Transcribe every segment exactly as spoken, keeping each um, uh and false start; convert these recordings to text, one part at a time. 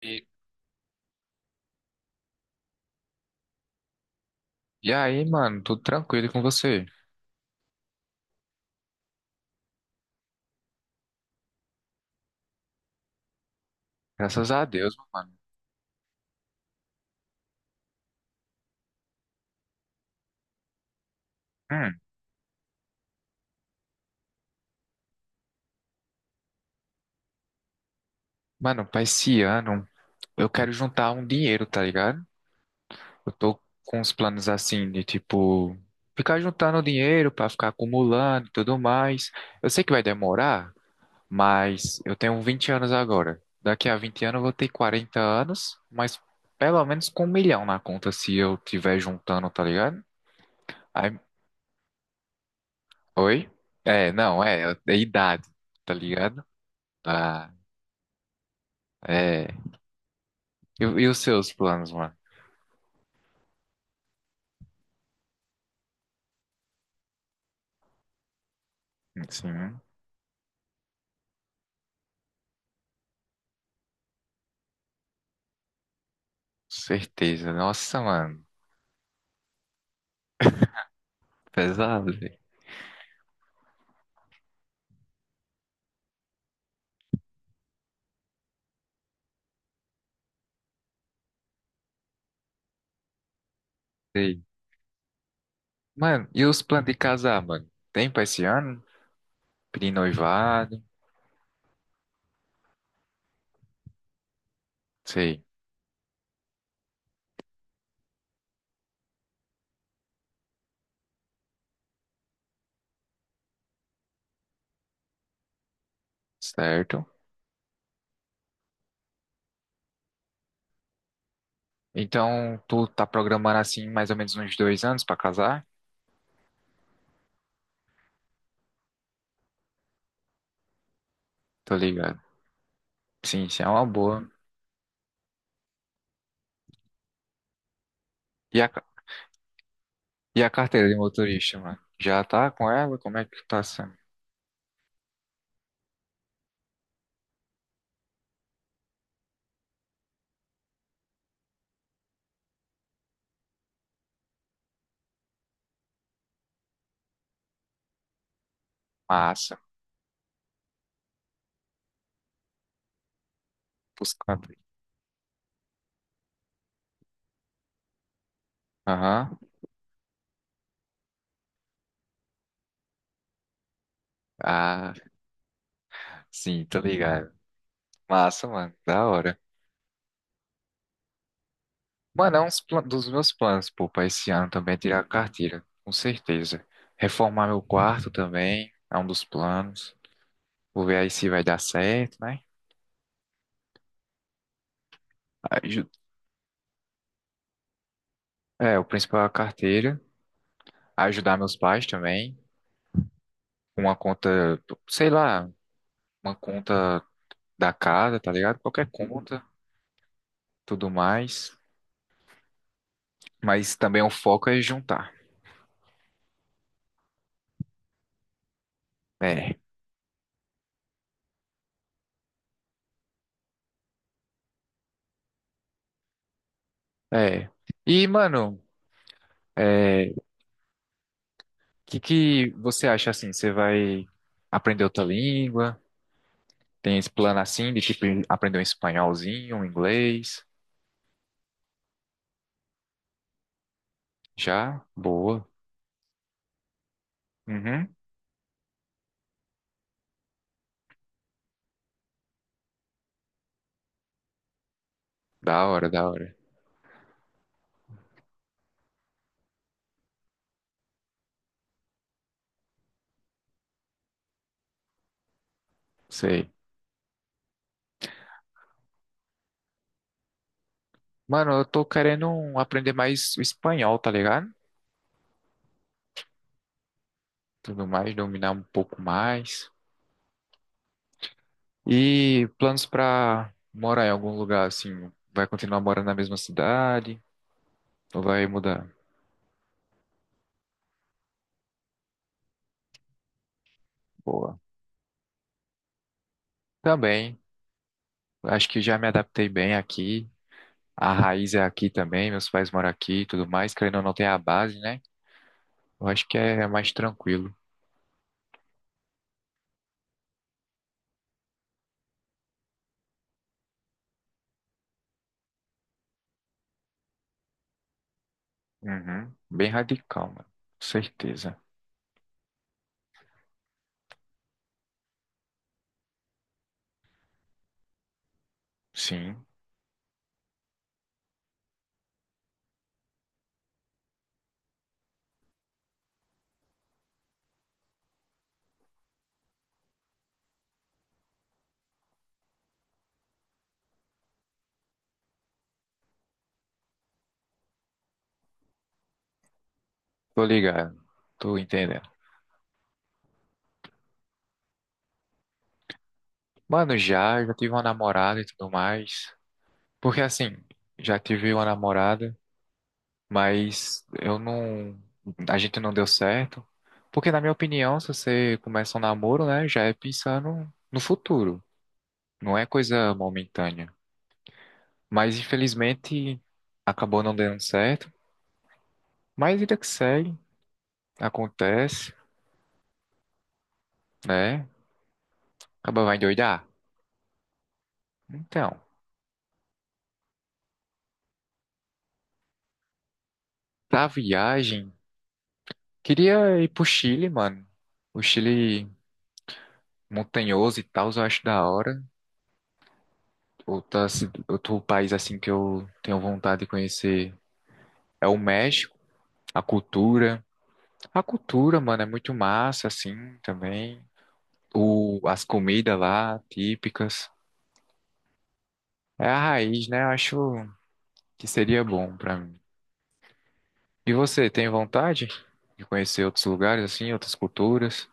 E, e aí, mano, tudo tranquilo com você? Graças a Deus, mano. Hum, mano, pra esse ano, eu quero juntar um dinheiro, tá ligado? Eu tô com uns planos assim de tipo, ficar juntando dinheiro pra ficar acumulando e tudo mais. Eu sei que vai demorar, mas eu tenho vinte anos agora. Daqui a vinte anos eu vou ter quarenta anos, mas pelo menos com um milhão na conta se eu tiver juntando, tá ligado? Aí, oi? É, não, é, é idade, tá ligado? Ah, é. E, e os seus planos, mano? Sim, certeza. Nossa, mano. Pesado, velho. Sei. Mano, e os planos de casar, mano? Tem pra esse ano? Pedir noivado? Sei. Certo. Então, tu tá programando assim mais ou menos uns dois anos pra casar? Tô ligado. Sim, sim, é uma boa. E a, ca- e a carteira de motorista, mano? Já tá com ela? Como é que tá sendo? Massa. Buscando. Aham. Ah, sim, tô ligado. Massa, mano. Da hora. Mano, é um dos meus planos, pô, pra esse ano também é tirar a carteira, com certeza. Reformar meu quarto também é um dos planos. Vou ver aí se vai dar certo, né? Aju- É, o principal é a carteira. Ajudar meus pais também. Uma conta, sei lá, uma conta da casa, tá ligado? Qualquer conta, tudo mais. Mas também o foco é juntar. É, é. E, mano, é, o que que você acha assim? Você vai aprender outra língua? Tem esse plano assim de tipo aprender um espanholzinho, um inglês. Já? Boa. Uhum. Da hora, da hora. Sei. Mano, eu tô querendo um, aprender mais o espanhol, tá ligado? Tudo mais, dominar um pouco mais. E planos pra morar em algum lugar assim? Vai continuar morando na mesma cidade? Ou vai mudar? Boa. Também. Acho que já me adaptei bem aqui. A raiz é aqui também, meus pais moram aqui e tudo mais. Querendo ou não, tem a base, né? Eu acho que é mais tranquilo. Uhum. Bem radical, mano. Com certeza. Sim. Tô ligado. Tô entendendo. Mano, já, já tive uma namorada e tudo mais. Porque assim, já tive uma namorada, mas eu não. A gente não deu certo. Porque, na minha opinião, se você começa um namoro, né, já é pensando no futuro. Não é coisa momentânea. Mas, infelizmente, acabou não dando certo. Mas vida que segue, acontece, né? Acaba vai endoidar. Então. Pra viagem, queria ir pro Chile, mano. O Chile montanhoso e tal, eu acho da hora. Outra, ci- outro país assim que eu tenho vontade de conhecer é o México. A cultura. A cultura, mano, é muito massa, assim, também. O, as comidas lá, típicas. É a raiz, né? Eu acho que seria bom pra mim. E você, tem vontade de conhecer outros lugares, assim, outras culturas?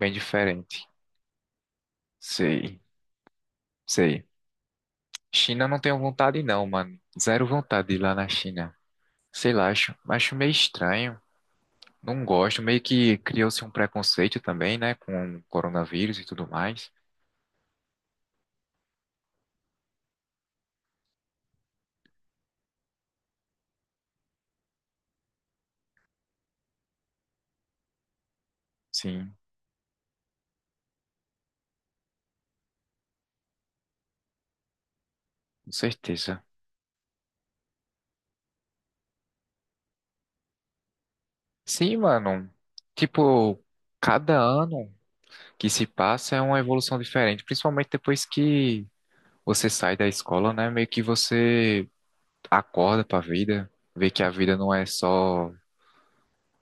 Bem diferente. Sei, sei. China não tenho vontade não, mano. Zero vontade de ir lá na China. Sei lá, acho, acho meio estranho. Não gosto. Meio que criou-se um preconceito também, né? Com o coronavírus e tudo mais. Sim, com certeza. Sim, mano. Tipo, cada ano que se passa é uma evolução diferente. Principalmente depois que você sai da escola, né? Meio que você acorda pra vida. Vê que a vida não é só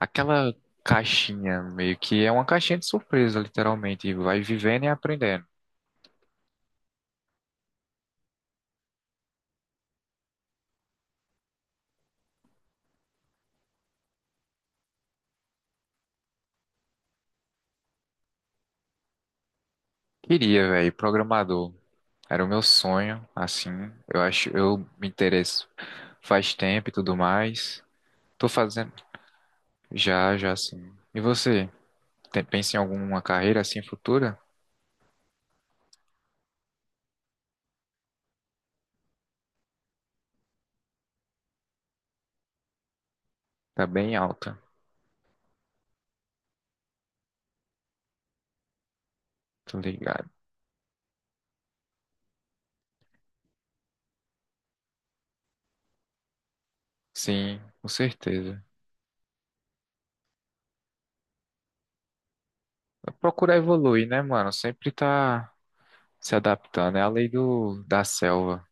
aquela caixinha, meio que é uma caixinha de surpresa, literalmente. E vai vivendo e aprendendo. Queria, velho, programador. Era o meu sonho, assim. Eu acho, eu me interesso faz tempo e tudo mais. Tô fazendo já, já assim. E você? Tem- pensa em alguma carreira assim futura? Tá bem alta, tô ligado. Sim, com certeza. Procurar evoluir, né, mano? Sempre tá se adaptando. É a lei do, da selva.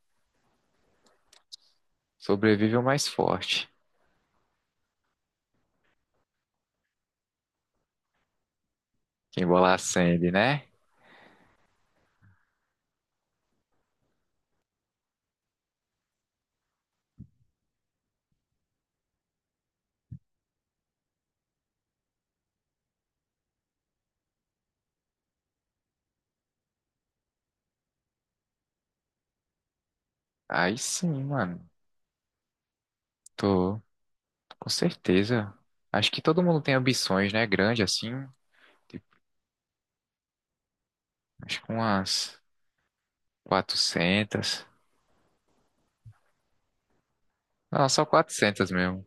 Sobrevive o mais forte. Embolar a Sandy, né? Aí sim, mano. Tô, com certeza. Acho que todo mundo tem ambições, né? Grande assim. Tipo, acho que umas quatrocentas. Não, só quatrocentas mesmo.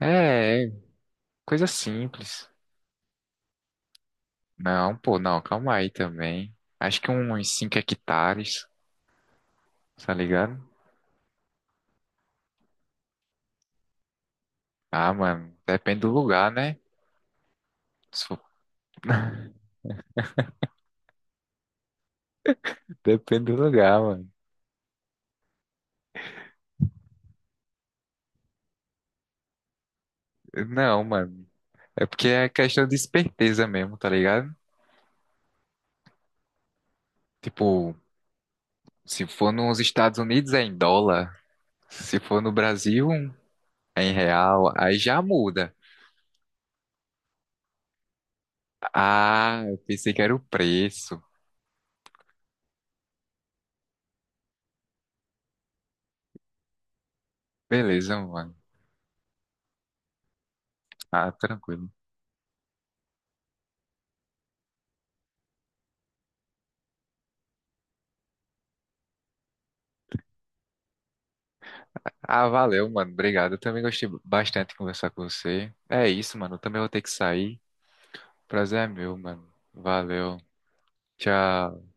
É, é, coisa simples. Não, pô, não, calma aí também. Acho que uns cinco hectares, tá ligado? Ah, mano, depende do lugar, né? Se for- Depende do lugar, mano. Não, mano. É porque é questão de esperteza mesmo, tá ligado? Tipo, se for nos Estados Unidos é em dólar, se for no Brasil é em real, aí já muda. Ah, eu pensei que era o preço. Beleza, mano. Ah, tranquilo. Ah, valeu, mano. Obrigado. Eu também gostei bastante de conversar com você. É isso, mano. Eu também vou ter que sair. Prazer é meu, mano. Valeu. Tchau.